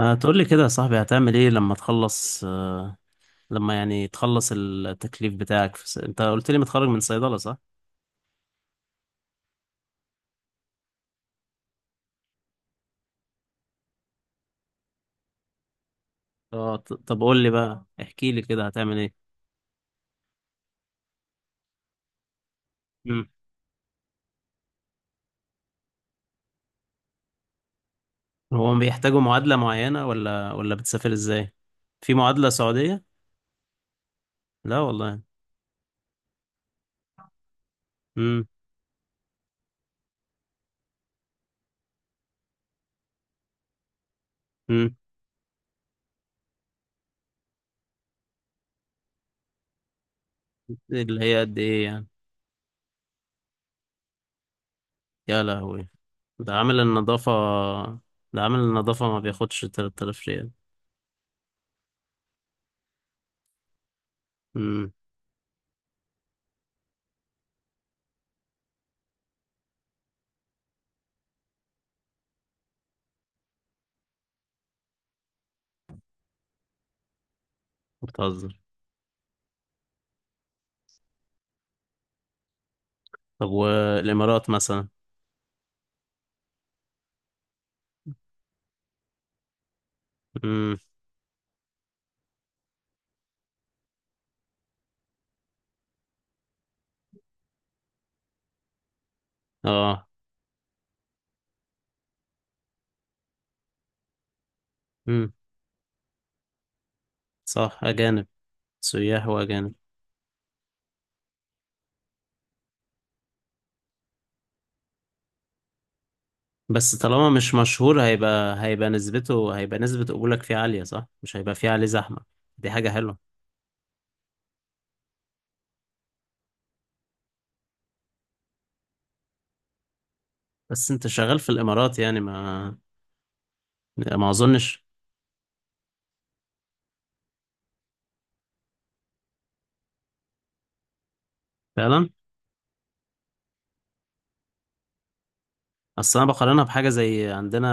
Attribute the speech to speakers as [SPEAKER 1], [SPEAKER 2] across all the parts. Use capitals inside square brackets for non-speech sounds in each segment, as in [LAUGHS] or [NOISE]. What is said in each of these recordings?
[SPEAKER 1] تقول لي كده يا صاحبي، هتعمل ايه لما تخلص لما يعني تخلص التكليف بتاعك انت قلت لي متخرج من صيدلة صح؟ طب قول لي بقى، احكي لي كده هتعمل ايه؟ مم. هو بيحتاجوا معادلة معينة ولا بتسافر ازاي؟ في معادلة سعودية؟ لا والله. امم. امم. اللي هي قد ايه يعني؟ يا لهوي. ده عامل النظافة. ده عامل النظافة ما بياخدش 3000 ريال. امم. بتهزر. طب والامارات مثلا؟ امم. اه. امم. صح، أجانب. سياح وأجانب. بس طالما مش مشهور، هيبقى نسبته، هيبقى نسبة قبولك فيه عالية صح؟ مش هيبقى فيه عليه زحمة. دي حاجة حلوة. بس أنت شغال في الإمارات يعني، ما ما أظنش. فعلا. أصل أنا بقارنها بحاجة زي عندنا،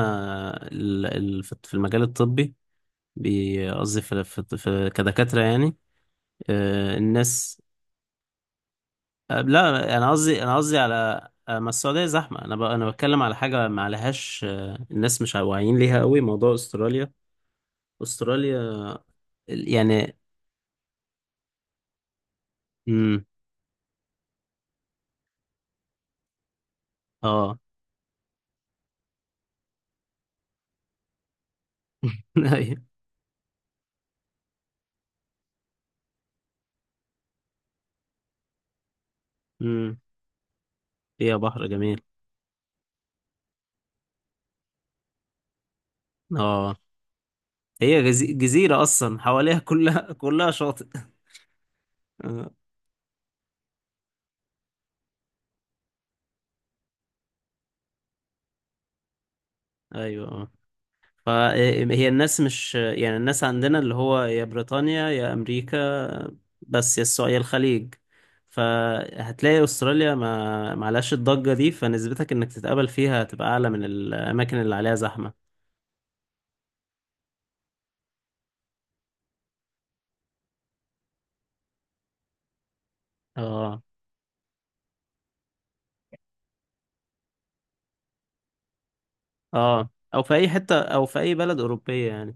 [SPEAKER 1] في المجال الطبي، قصدي في كدكاترة يعني. الناس. لا، أنا قصدي على، ما السعودية زحمة، أنا بتكلم على حاجة ما عليهاش الناس مش واعيين ليها قوي، موضوع أستراليا. أستراليا يعني. امم. اه. [LAUGHS] ايوه. امم. فيها بحر جميل. اه. هي جزيرة أصلا حواليها كلها [LAUGHS] كلها شاطئ. آه. أيوه اه. فهي، الناس مش يعني، الناس عندنا اللي هو يا بريطانيا يا أمريكا، بس يا السعودية الخليج. فهتلاقي أستراليا ما معلهاش الضجة دي، فنسبتك إنك تتقبل فيها هتبقى أعلى من الأماكن اللي عليها زحمة. اه. اه، أو في أي حتة، أو في أي بلد أوروبية يعني.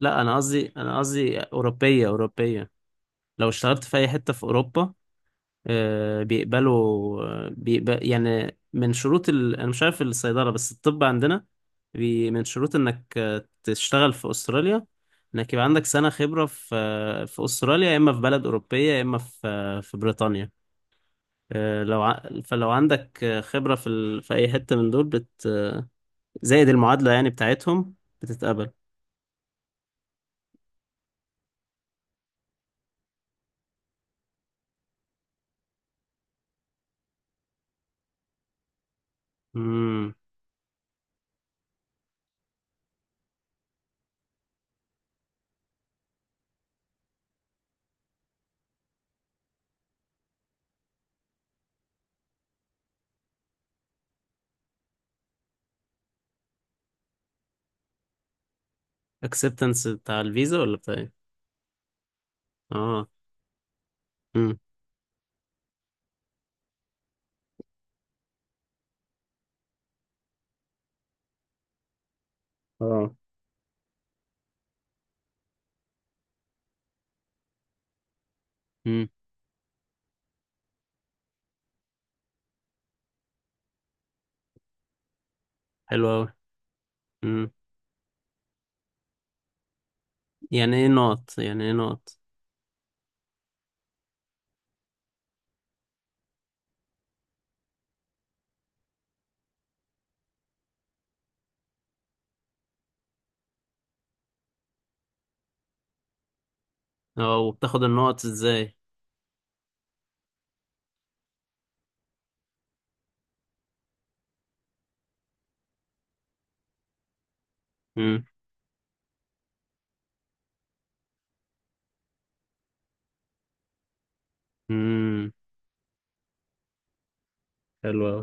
[SPEAKER 1] لا، انا قصدي اوروبيه اوروبيه. لو اشتغلت في اي حته في اوروبا، بيقبل يعني. من شروط انا مش عارف الصيدله، بس الطب عندنا، من شروط انك تشتغل في استراليا، انك يبقى عندك سنه خبره في في استراليا، يا اما في بلد اوروبيه، يا اما في بريطانيا. فلو عندك خبره في في اي حته من دول زائد المعادله يعني بتاعتهم، بتتقبل. امم. اكسبتنس بتاع الفيزا ولا بتاع إيه؟ اه. امم. اه. امم. حلو أوي. امم. يعني ايه نقط، يعني ايه نقط؟ اه، وبتاخد النقط ازاي؟ امم. امم. حلو أوي.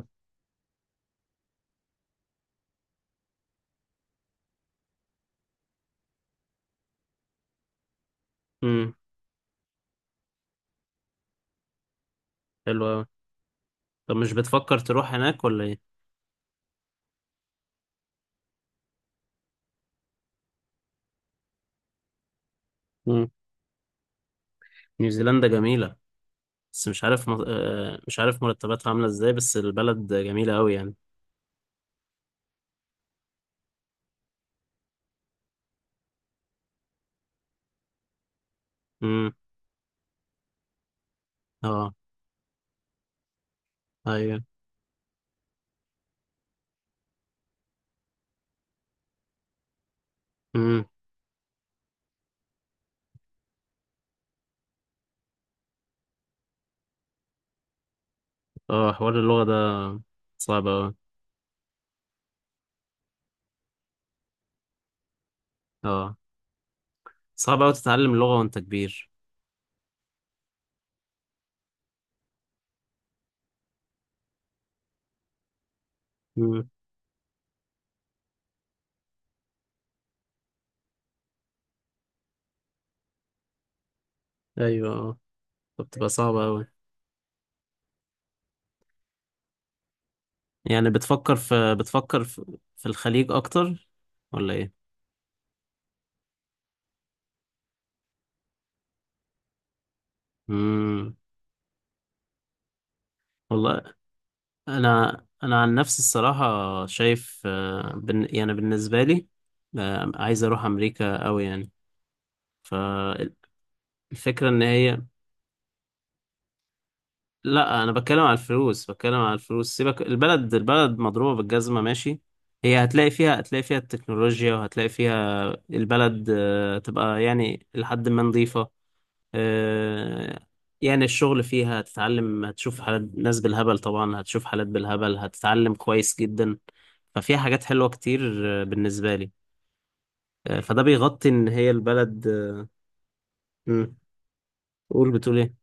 [SPEAKER 1] امم. حلو أوي. طب مش بتفكر تروح هناك ولا ايه؟ مم. نيوزيلندا جميلة، بس مش عارف مش عارف مرتباتها عاملة ازاي، بس البلد جميلة أوي يعني. امم. اه. ايوه. امم. اه، حوار اللغة ده صعب أوي. اه، صعب أوي تتعلم اللغة وأنت كبير. امم. ايوه اه، فبتبقى صعبة أوي. يعني في الخليج اكتر ولا ايه؟ امم. والله، انا عن نفسي الصراحة، شايف آه، بن يعني بالنسبة لي، عايز اروح امريكا قوي يعني. فالفكرة ان هي، لا، انا بتكلم على الفلوس، بتكلم على الفلوس، سيبك، البلد، البلد مضروبة بالجزمة ماشي. هي هتلاقي فيها التكنولوجيا، وهتلاقي فيها البلد تبقى يعني لحد ما نظيفة. آه، يعني الشغل فيها هتتعلم، هتشوف حالات ناس بالهبل، طبعا هتشوف حالات بالهبل هتتعلم كويس جدا، ففيها حاجات حلوة كتير بالنسبة لي. فده بيغطي ان هي البلد مم. قول، بتقول ايه؟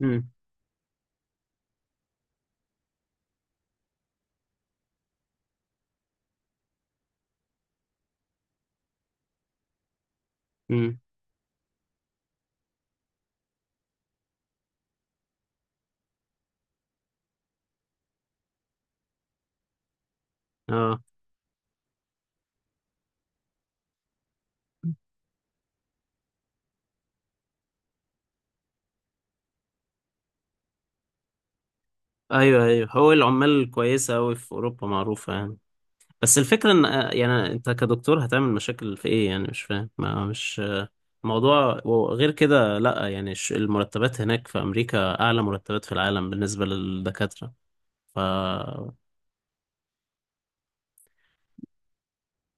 [SPEAKER 1] مم. مم. اه، ايوه ايوه، هو العمال كويسة اوي في اوروبا معروفة يعني. بس الفكرة ان آه،، يعني انت كدكتور هتعمل مشاكل في ايه يعني، مش فاهم، ما مش موضوع، وغير كده لا يعني، المرتبات هناك في امريكا اعلى مرتبات في العالم بالنسبة للدكاترة، ف،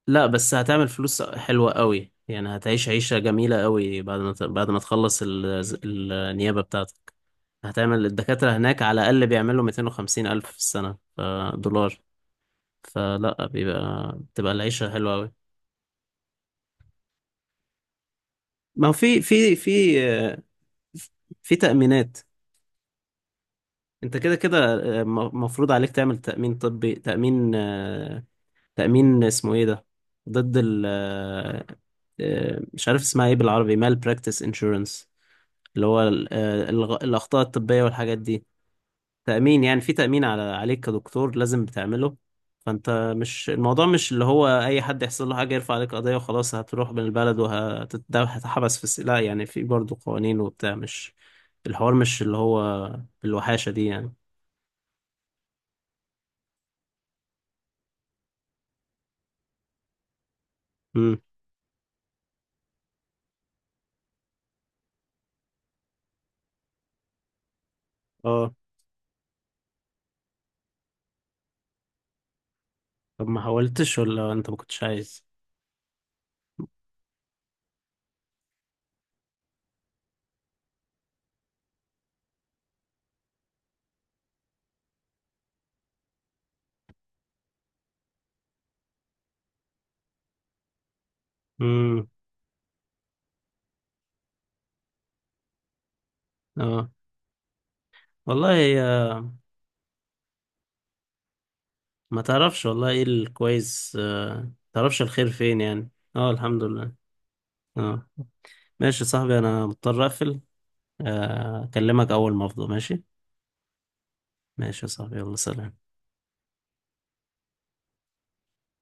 [SPEAKER 1] لا بس هتعمل فلوس حلوة قوي يعني، هتعيش عيشة جميلة قوي بعد ما بعد ما تخلص النيابة بتاعتك. هتعمل الدكاترة هناك على الأقل بيعملوا 250 ألف في السنة، دولار، فلا بتبقى العيشة حلوة قوي. ما هو في في تأمينات. انت كده كده، مفروض عليك تعمل تأمين طبي، تأمين آه،، تأمين اسمه ايه ده، ضد ال مش عارف اسمها ايه بالعربي، مال براكتس انشورنس، اللي هو الأخطاء الطبية والحاجات دي. تأمين يعني، في تأمين عليك كدكتور لازم بتعمله. فأنت مش، الموضوع مش اللي هو أي حد يحصل له حاجة يرفع عليك قضية وخلاص هتروح من البلد وهتتحبس لا يعني، في برضه قوانين وبتاع، مش الحوار مش اللي هو بالوحاشة دي يعني. امم. اه. طب ما حاولتش ولا أنت ما كنتش عايز؟ امم. اه. والله هي، ما تعرفش والله ايه الكويس، ما تعرفش الخير فين يعني. اه الحمد لله. اه. ماشي يا صاحبي، أنا مضطر أقفل. اكلمك اول ما افضى ماشي. ماشي يا صاحبي، يلا سلام.